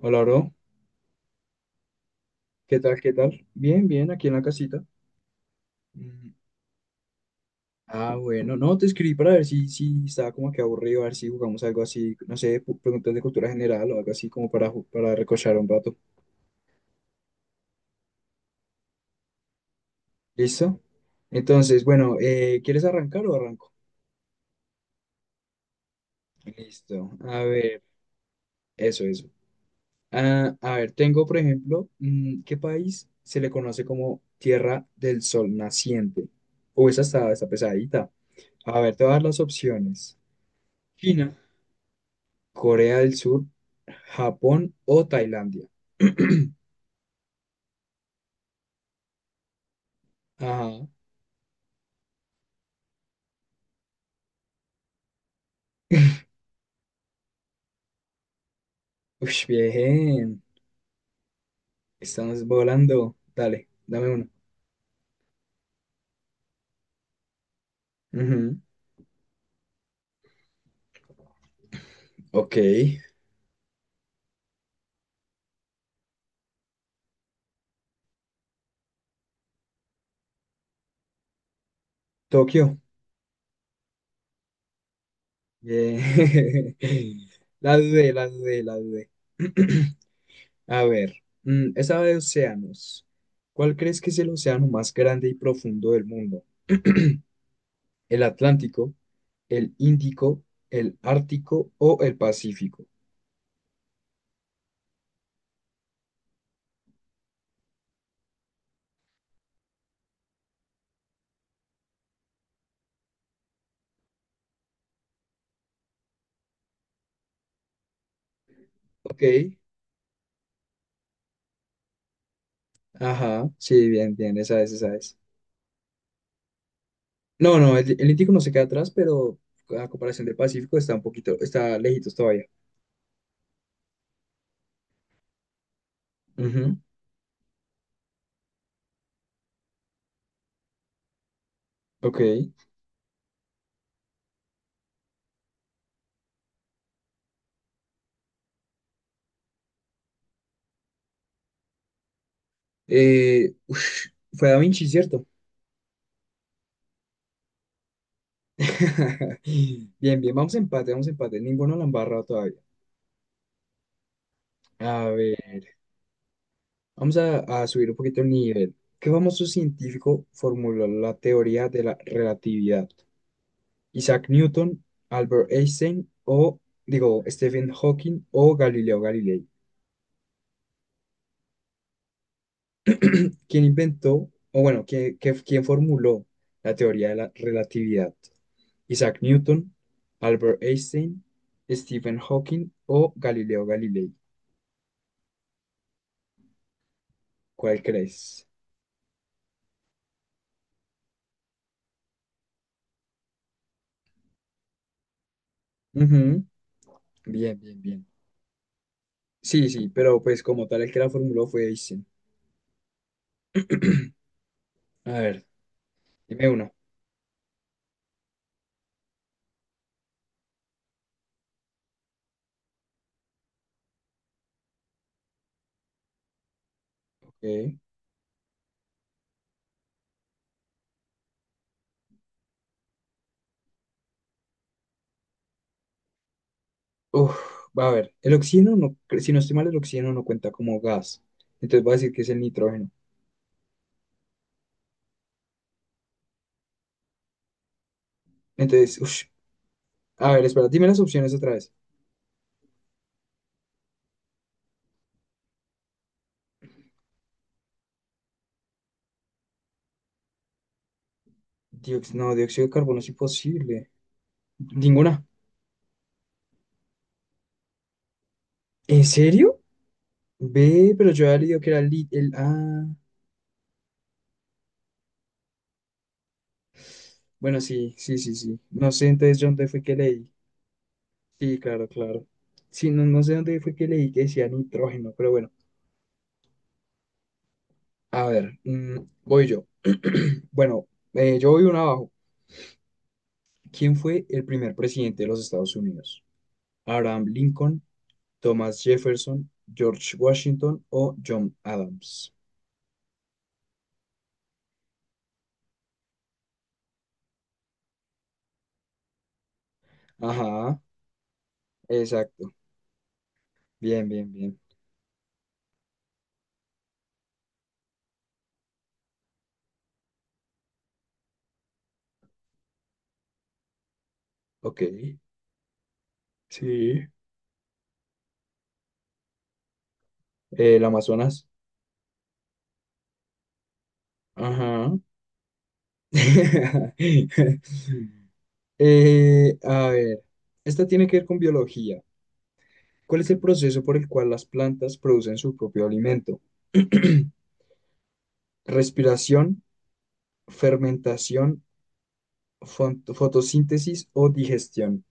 Hola, bro. ¿Qué tal? ¿Qué tal? Bien, bien, aquí en la casita. Mm, Ah, bueno, no, te escribí para ver si estaba como que aburrido, a ver si jugamos algo así, no sé, preguntas de cultura general o algo así como para, para recochar un rato. ¿Listo? Entonces, bueno, ¿quieres arrancar o arranco? Listo. A ver, eso, eso. Ah, a ver, tengo, por ejemplo, ¿qué país se le conoce como Tierra del Sol Naciente? O esa está pesadita. A ver, te voy a dar las opciones. China. Corea del Sur, Japón o Tailandia. Ajá. Ush, bien. Estamos volando. Dale, dame uno. Ujú. Ok. Tokio. Bien. La dudé, la dudé, la dudé. A ver, esa de océanos. ¿Cuál crees que es el océano más grande y profundo del mundo? ¿El Atlántico, el Índico, el Ártico o el Pacífico? Ok. Ajá, sí, bien, bien, esa es, esa es. No, no, el Índico no se queda atrás, pero a comparación del Pacífico está un poquito, está lejitos todavía. Ujú. Ok. Eh, ush, fue Da Vinci, ¿cierto? Bien, bien, vamos a empate, vamos a empate. Ninguno la han barrado todavía. A ver, vamos a subir un poquito el nivel. ¿Qué famoso científico formuló la teoría de la relatividad? Isaac Newton, Albert Einstein o, digo, Stephen Hawking o Galileo Galilei. ¿Quién inventó, o bueno, ¿quién, quién formuló la teoría de la relatividad? ¿Isaac Newton, Albert Einstein, Stephen Hawking o Galileo Galilei? ¿Cuál crees? Ujú. Bien, bien, bien. Sí, sí, pero pues como tal el que la formuló fue Einstein. A ver, dime una. Ok. Uf, va a ver, el oxígeno no, si no estoy mal, el oxígeno no cuenta como gas. Entonces voy a decir que es el nitrógeno. Entonces, ush, a ver, espera, dime las opciones otra vez. No, dióxido de carbono es imposible. Ninguna. ¿En serio? Ve, pero yo había leído que era el... Ah, bueno, sí, sí, sí, sí. No sé entonces dónde fue que leí. Sí, claro, claro. Sí, no, no sé dónde fue que leí que decía nitrógeno, pero bueno. A ver, voy yo. Bueno, yo voy uno abajo. ¿Quién fue el primer presidente de los Estados Unidos? ¿Abraham Lincoln, Thomas Jefferson, George Washington o John Adams? Ajá, exacto. Bien, bien, bien. Ok, sí. El Amazonas. Ajá. A ver, esta tiene que ver con biología. ¿Cuál es el proceso por el cual las plantas producen su propio alimento? Respiración, fermentación, fotosíntesis o digestión.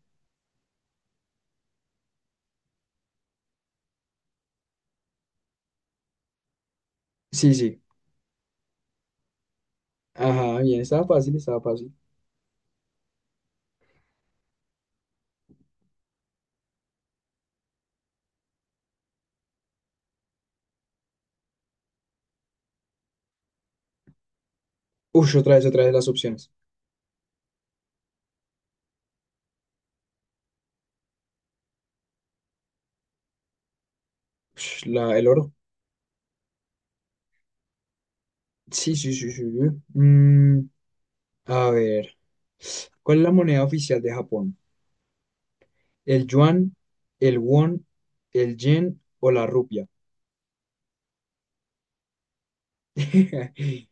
Sí, sí. Ajá, bien, estaba fácil, estaba fácil. Ush, otra vez las opciones. Ush, la, el oro. Sí, sí, sí, sí, sí. Mm, a ver, ¿cuál es la moneda oficial de Japón? El yuan, el won, el yen o la rupia.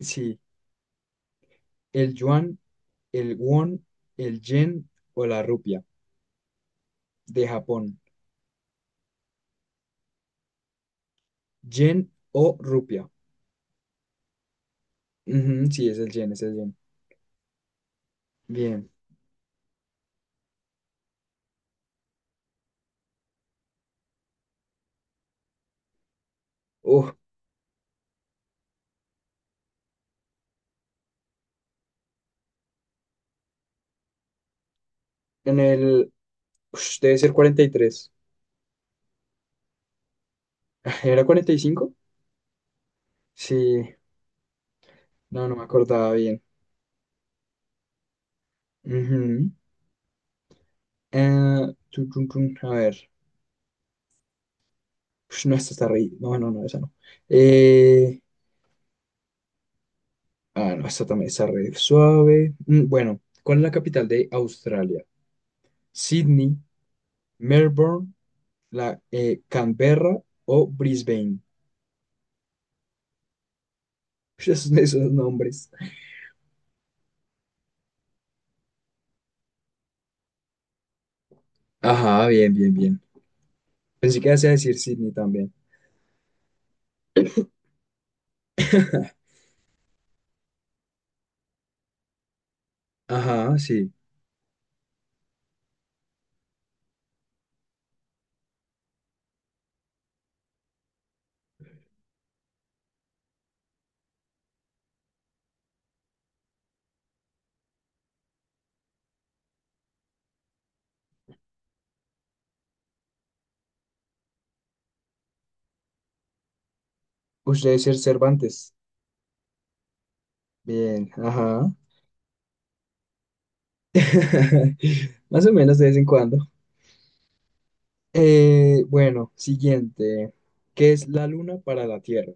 Sí, el yuan, el won, el yen o la rupia de Japón. Yen o rupia. Ujú, sí, es el yen, es el yen. Bien. Uf, en el... ush, debe ser 43. ¿Era 45? Sí, no, no me acordaba bien. Ujú. Eh, tun, tun, tun, a ver. Ush, no, esta está re... No, no, no, esa no. Eh, Ah, no, esta también está re suave. Bueno, ¿cuál es la capital de Australia? ¿Sydney, Melbourne, la, Canberra o Brisbane? Esos, esos nombres. Ajá, bien, bien, bien. Pensé que ibas a decir Sydney también. Ajá, sí. Usted debe ser Cervantes. Bien, ajá. Más o menos de vez en cuando. Bueno, siguiente. ¿Qué es la luna para la Tierra?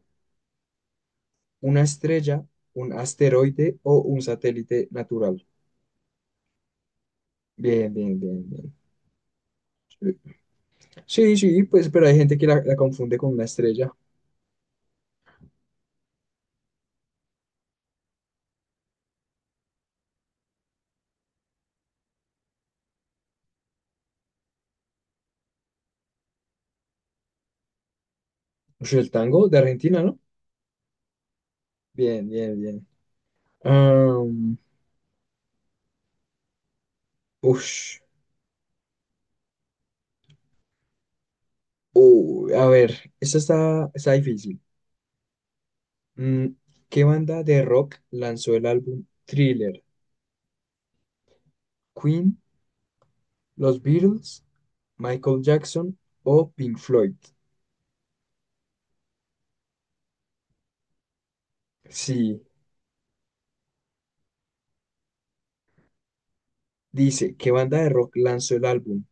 Una estrella, un asteroide o un satélite natural. Bien, bien, bien, bien. Sí, sí, pues, pero hay gente que la confunde con una estrella. Ush, el tango de Argentina, ¿no? Bien, bien, bien. Am, ush. A ver, esta está, está difícil. Mm, ¿Qué banda de rock lanzó el álbum Thriller? ¿Queen, los Beatles, Michael Jackson o Pink Floyd? Sí. Dice, ¿qué banda de rock lanzó el álbum?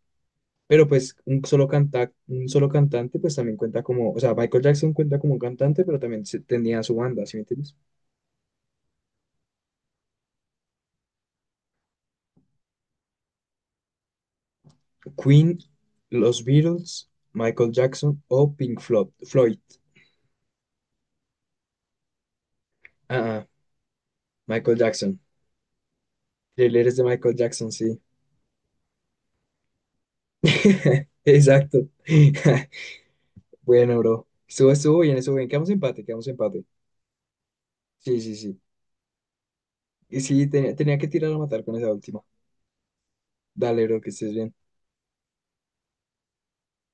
Pero pues un solo canta, un solo cantante pues también cuenta como, o sea, Michael Jackson cuenta como un cantante, pero también tenía su banda, ¿sí me entiendes? Queen, los Beatles, Michael Jackson o Floyd. Ah, ah, Michael Jackson. Thriller es de Michael Jackson, sí. Exacto. Bueno, bro. Estuvo, estuvo bien, estuvo bien. Quedamos empate, quedamos empate. Sí, sí, sí. Y sí, tenía, tenía que tirar a matar con esa última. Dale, bro, que estés bien.